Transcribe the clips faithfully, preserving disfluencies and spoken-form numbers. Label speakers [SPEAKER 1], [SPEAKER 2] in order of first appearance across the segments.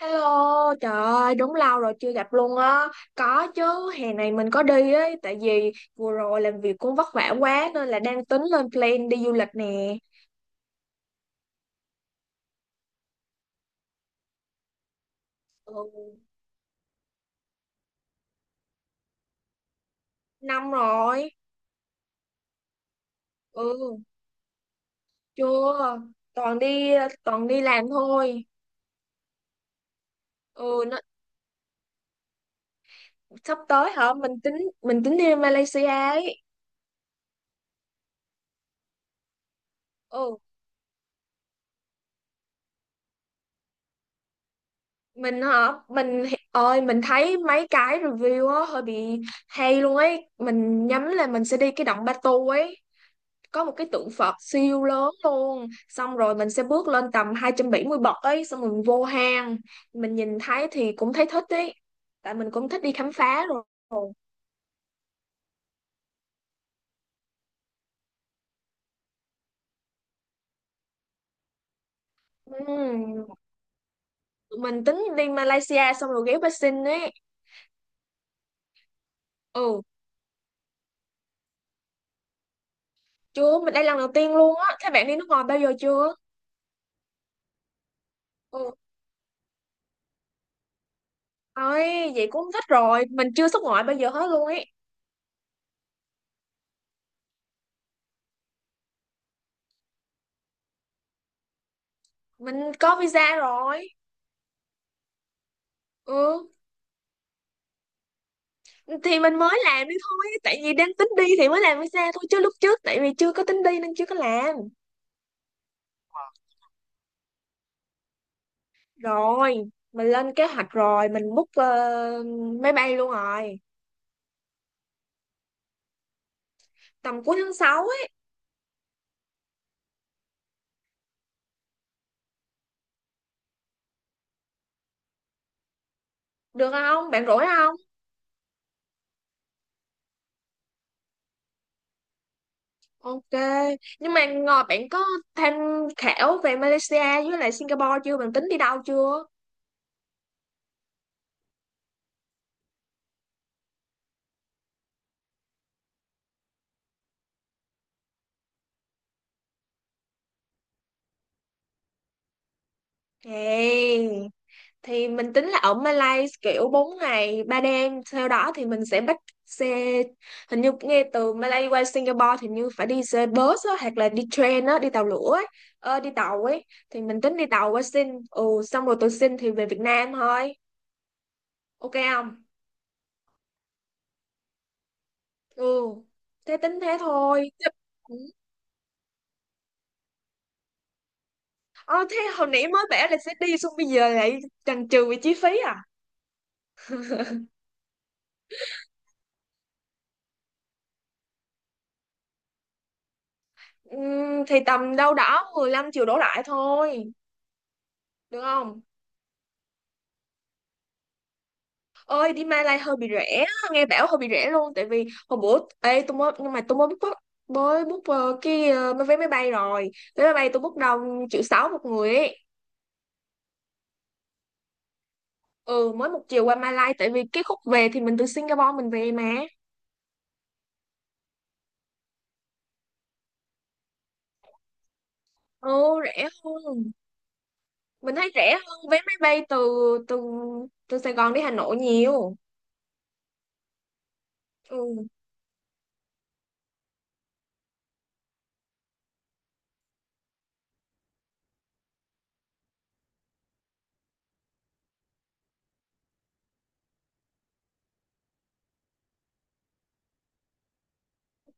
[SPEAKER 1] Hello, trời ơi, đúng lâu rồi chưa gặp luôn á. Có chứ, hè này mình có đi ấy, tại vì vừa rồi làm việc cũng vất vả quá nên là đang tính lên plan đi du lịch nè. Ừ, năm rồi. Ừ, chưa. Toàn đi toàn đi làm thôi. Ừ, nó, sắp tới hả? Mình tính mình tính đi Malaysia ấy. Ừ, mình hả? Mình ơi, mình thấy mấy cái review á hơi bị hay luôn ấy. Mình nhắm là mình sẽ đi cái động Batu ấy, có một cái tượng Phật siêu lớn luôn, xong rồi mình sẽ bước lên tầm hai trăm bảy mươi bậc ấy, xong rồi mình vô hang, mình nhìn thấy thì cũng thấy thích ấy, tại mình cũng thích đi khám phá rồi. Ừm, tụi mình tính đi Malaysia xong rồi ghé Bắc ấy. Ừ, chưa, mình đây lần đầu tiên luôn á. Thế bạn đi nước ngoài bao giờ chưa? Ừ, ơi vậy cũng thích rồi, mình chưa xuất ngoại bao giờ hết luôn ấy. Mình có visa rồi. Ừ, thì mình mới làm đi thôi, tại vì đang tính đi thì mới làm visa thôi, chứ lúc trước tại vì chưa có tính đi nên chưa có làm. Rồi, mình lên kế hoạch rồi, mình book ờ, máy bay luôn rồi. Tầm cuối tháng sáu ấy. Được không, bạn rỗi không? Ok. Nhưng mà ngồi bạn có tham khảo về Malaysia với lại Singapore chưa, bạn tính đi đâu chưa? Hey. Thì mình tính là ở Malaysia kiểu bốn ngày ba đêm, sau đó thì mình sẽ bắt xe, hình như nghe từ Malaysia qua Singapore thì như phải đi xe bus á, hoặc là đi train á, đi tàu lửa ấy. Ờ, đi tàu ấy, thì mình tính đi tàu qua Sing. Ừ, xong rồi từ Sing thì về Việt Nam thôi. Ok không? Ừ, thế tính thế thôi. Chứ- Ừ. ờ, Thế hồi nãy mới bảo là sẽ đi xong bây giờ lại chần chừ về chi phí à? Ừm, thì tầm đâu đó mười lăm triệu đổ lại thôi. Được không? Ơi đi Malai hơi bị rẻ á, nghe bảo hơi bị rẻ luôn, tại vì hồi bữa ê tôi mới, nhưng mà tôi mới book mới book ờ, cái ờ, vé máy bay rồi. Vé máy bay tôi book đồng triệu sáu một người ấy. Ừ, mới một chiều qua Malai, tại vì cái khúc về thì mình từ Singapore mình về mà. Ừ, rẻ hơn, mình thấy rẻ hơn vé máy bay từ từ từ Sài Gòn đi Hà Nội nhiều. Ừ,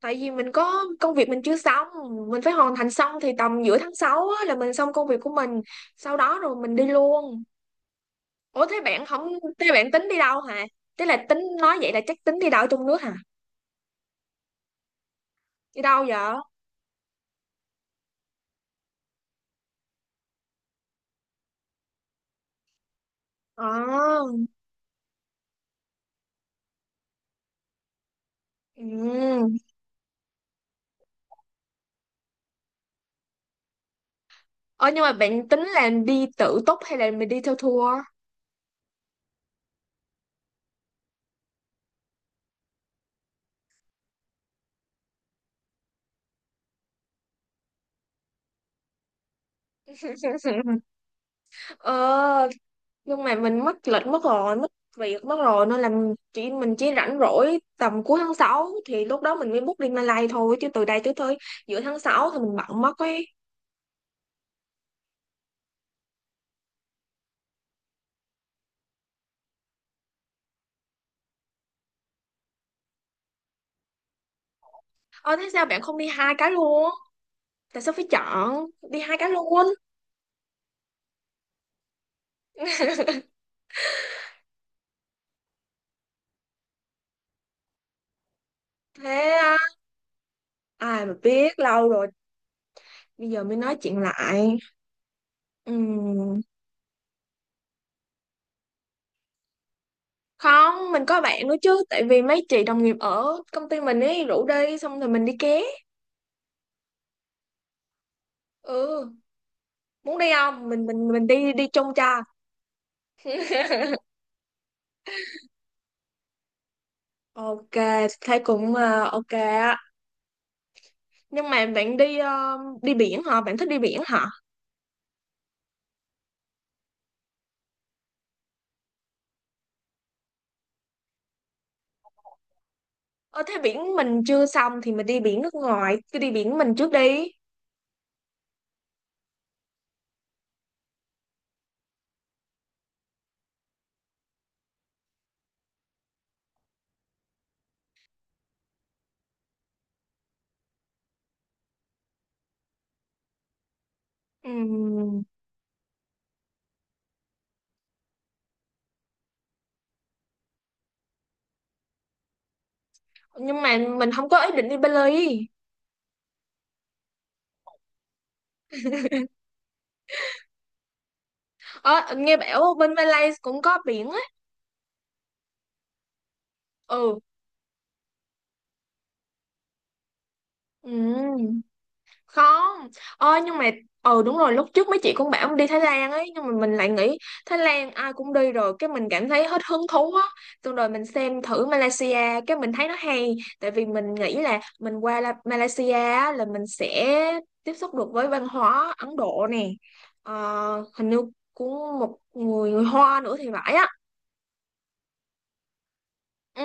[SPEAKER 1] tại vì mình có công việc mình chưa xong, mình phải hoàn thành xong thì tầm giữa tháng sáu á, là mình xong công việc của mình, sau đó rồi mình đi luôn. Ủa thế bạn không, thế bạn tính đi đâu hả? Thế là tính nói vậy là chắc tính đi đâu ở trong nước hả? Đi đâu vậy? Ờ. Ừ. Ờ nhưng mà bạn tính là đi tự túc hay là mình đi theo tour? Ờ nhưng mà mình mất lịch mất rồi, mất việc mất rồi, nên là mình chỉ mình chỉ rảnh rỗi tầm cuối tháng sáu, thì lúc đó mình mới book đi Malay thôi, chứ từ đây tới tới giữa tháng sáu thì mình bận mất ấy. Ờ thế sao bạn không đi hai cái luôn? Tại sao phải chọn đi hai cái luôn? Thế à, ai mà biết lâu rồi, bây giờ mới nói chuyện lại. Ừm, không mình có bạn nữa chứ, tại vì mấy chị đồng nghiệp ở công ty mình ấy rủ đi xong rồi mình đi ké. Ừ, muốn đi không, mình mình mình đi đi chung cho. Ok. Thấy cũng ờ, ok á. Nhưng mà bạn đi ờ, đi biển hả, bạn thích đi biển hả? Ờ thế biển mình chưa xong thì mình đi biển nước ngoài, cứ đi biển mình trước đi. Ừm, nhưng mà mình không có ý định đi Bali. Ờ nghe bảo bên Malaysia cũng có biển á. Ừ. Ừm. Không, ơi nhưng mà ừ đúng rồi, lúc trước mấy chị cũng bảo đi Thái Lan ấy, nhưng mà mình lại nghĩ Thái Lan ai cũng đi rồi, cái mình cảm thấy hết hứng thú á, xong rồi mình xem thử Malaysia cái mình thấy nó hay, tại vì mình nghĩ là mình qua La- Malaysia á, là mình sẽ tiếp xúc được với văn hóa Ấn Độ nè. Ờ, hình như cũng một người người Hoa nữa thì phải á. Ừ,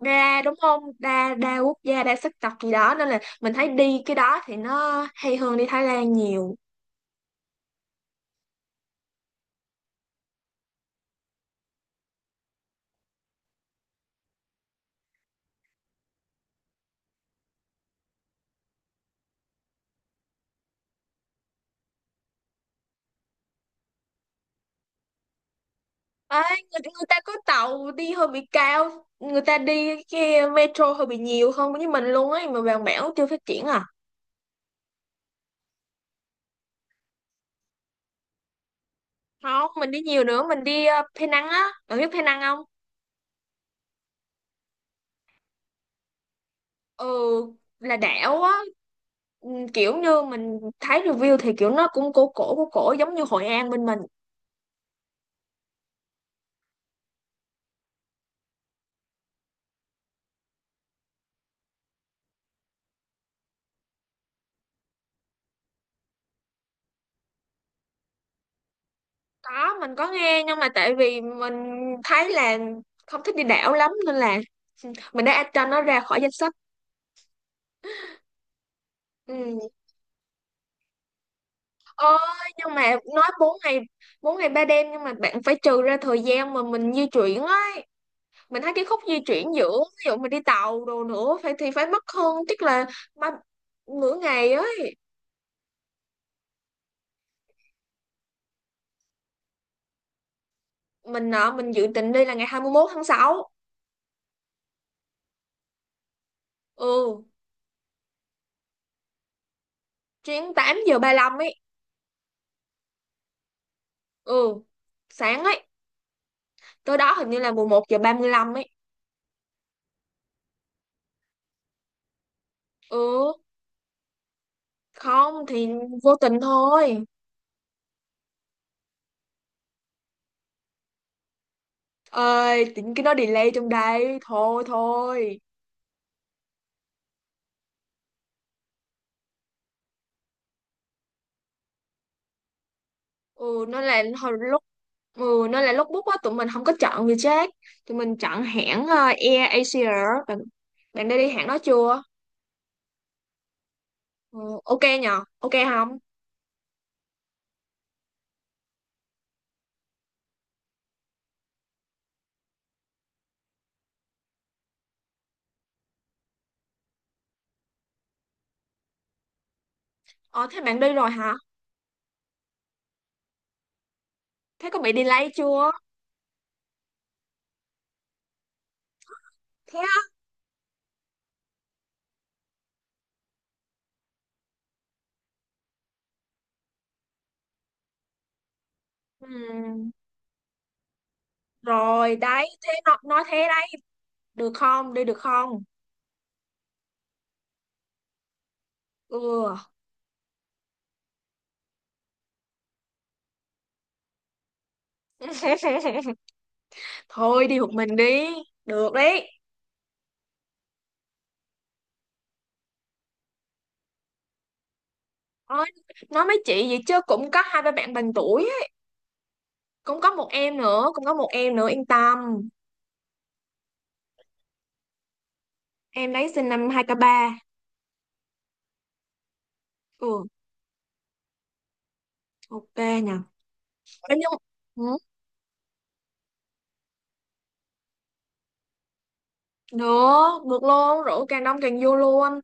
[SPEAKER 1] đa đúng không, đa đa quốc gia đa sắc tộc gì đó, nên là mình thấy đi cái đó thì nó hay hơn đi Thái Lan nhiều. Ê, người, người ta có tàu đi hơi bị cao, người ta đi cái metro hơi bị nhiều hơn với mình luôn ấy, mà Vàng Bẻo chưa phát triển à? Không, mình đi nhiều nữa, mình đi uh, Penang á, bạn biết Penang không? Ừ, là đảo á. Ừ, kiểu như mình thấy review thì kiểu nó cũng cổ cổ cổ cổ giống như Hội An bên mình. Có, mình có nghe, nhưng mà tại vì mình thấy là không thích đi đảo lắm nên là mình đã add cho nó ra khỏi danh sách. Ừ. Ôi, nhưng mà nói bốn ngày, bốn ngày ba đêm, nhưng mà bạn phải trừ ra thời gian mà mình di chuyển ấy. Mình thấy cái khúc di chuyển giữa ví dụ mình đi tàu đồ nữa phải thì phải mất hơn chắc là ba, nửa ngày ấy. Mình nọ mình dự định đi là ngày hai mươi mốt tháng sáu. Ừ, chuyến tám giờ ba lăm ấy. Ừ, sáng ấy. Tới đó hình như là mười một giờ ba mươi lăm ấy. Ừ, không thì vô tình thôi. Ơi, tính cái nó delay trong đây. Thôi thôi. Ừ, nó là hồi lúc. Ừ, nên là lúc book á tụi mình không có chọn Vietjet, tụi mình chọn hãng ờ, Air Asia. Bạn bạn đã đi hãng đó chưa? Ừ, ok nhờ, ok không? Ờ thế bạn đi rồi hả? Thế có bị delay chưa? Thế á? Ừ, rồi đấy thế nó nói thế đấy. Được không, đi được không? Ừ thôi đi một mình đi được đấy. Ôi, nói mấy chị vậy chứ cũng có hai ba bạn bằng tuổi á. Cũng có một em nữa, cũng có một em nữa, yên tâm. Em đấy sinh năm hai k ba. Ừ, ok nhỉ. Thế nhưng ừ. Được, được luôn, rượu càng đông càng vô luôn.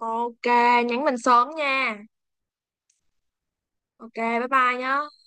[SPEAKER 1] Ok, nhắn mình sớm nha. Ok bye bye nhá.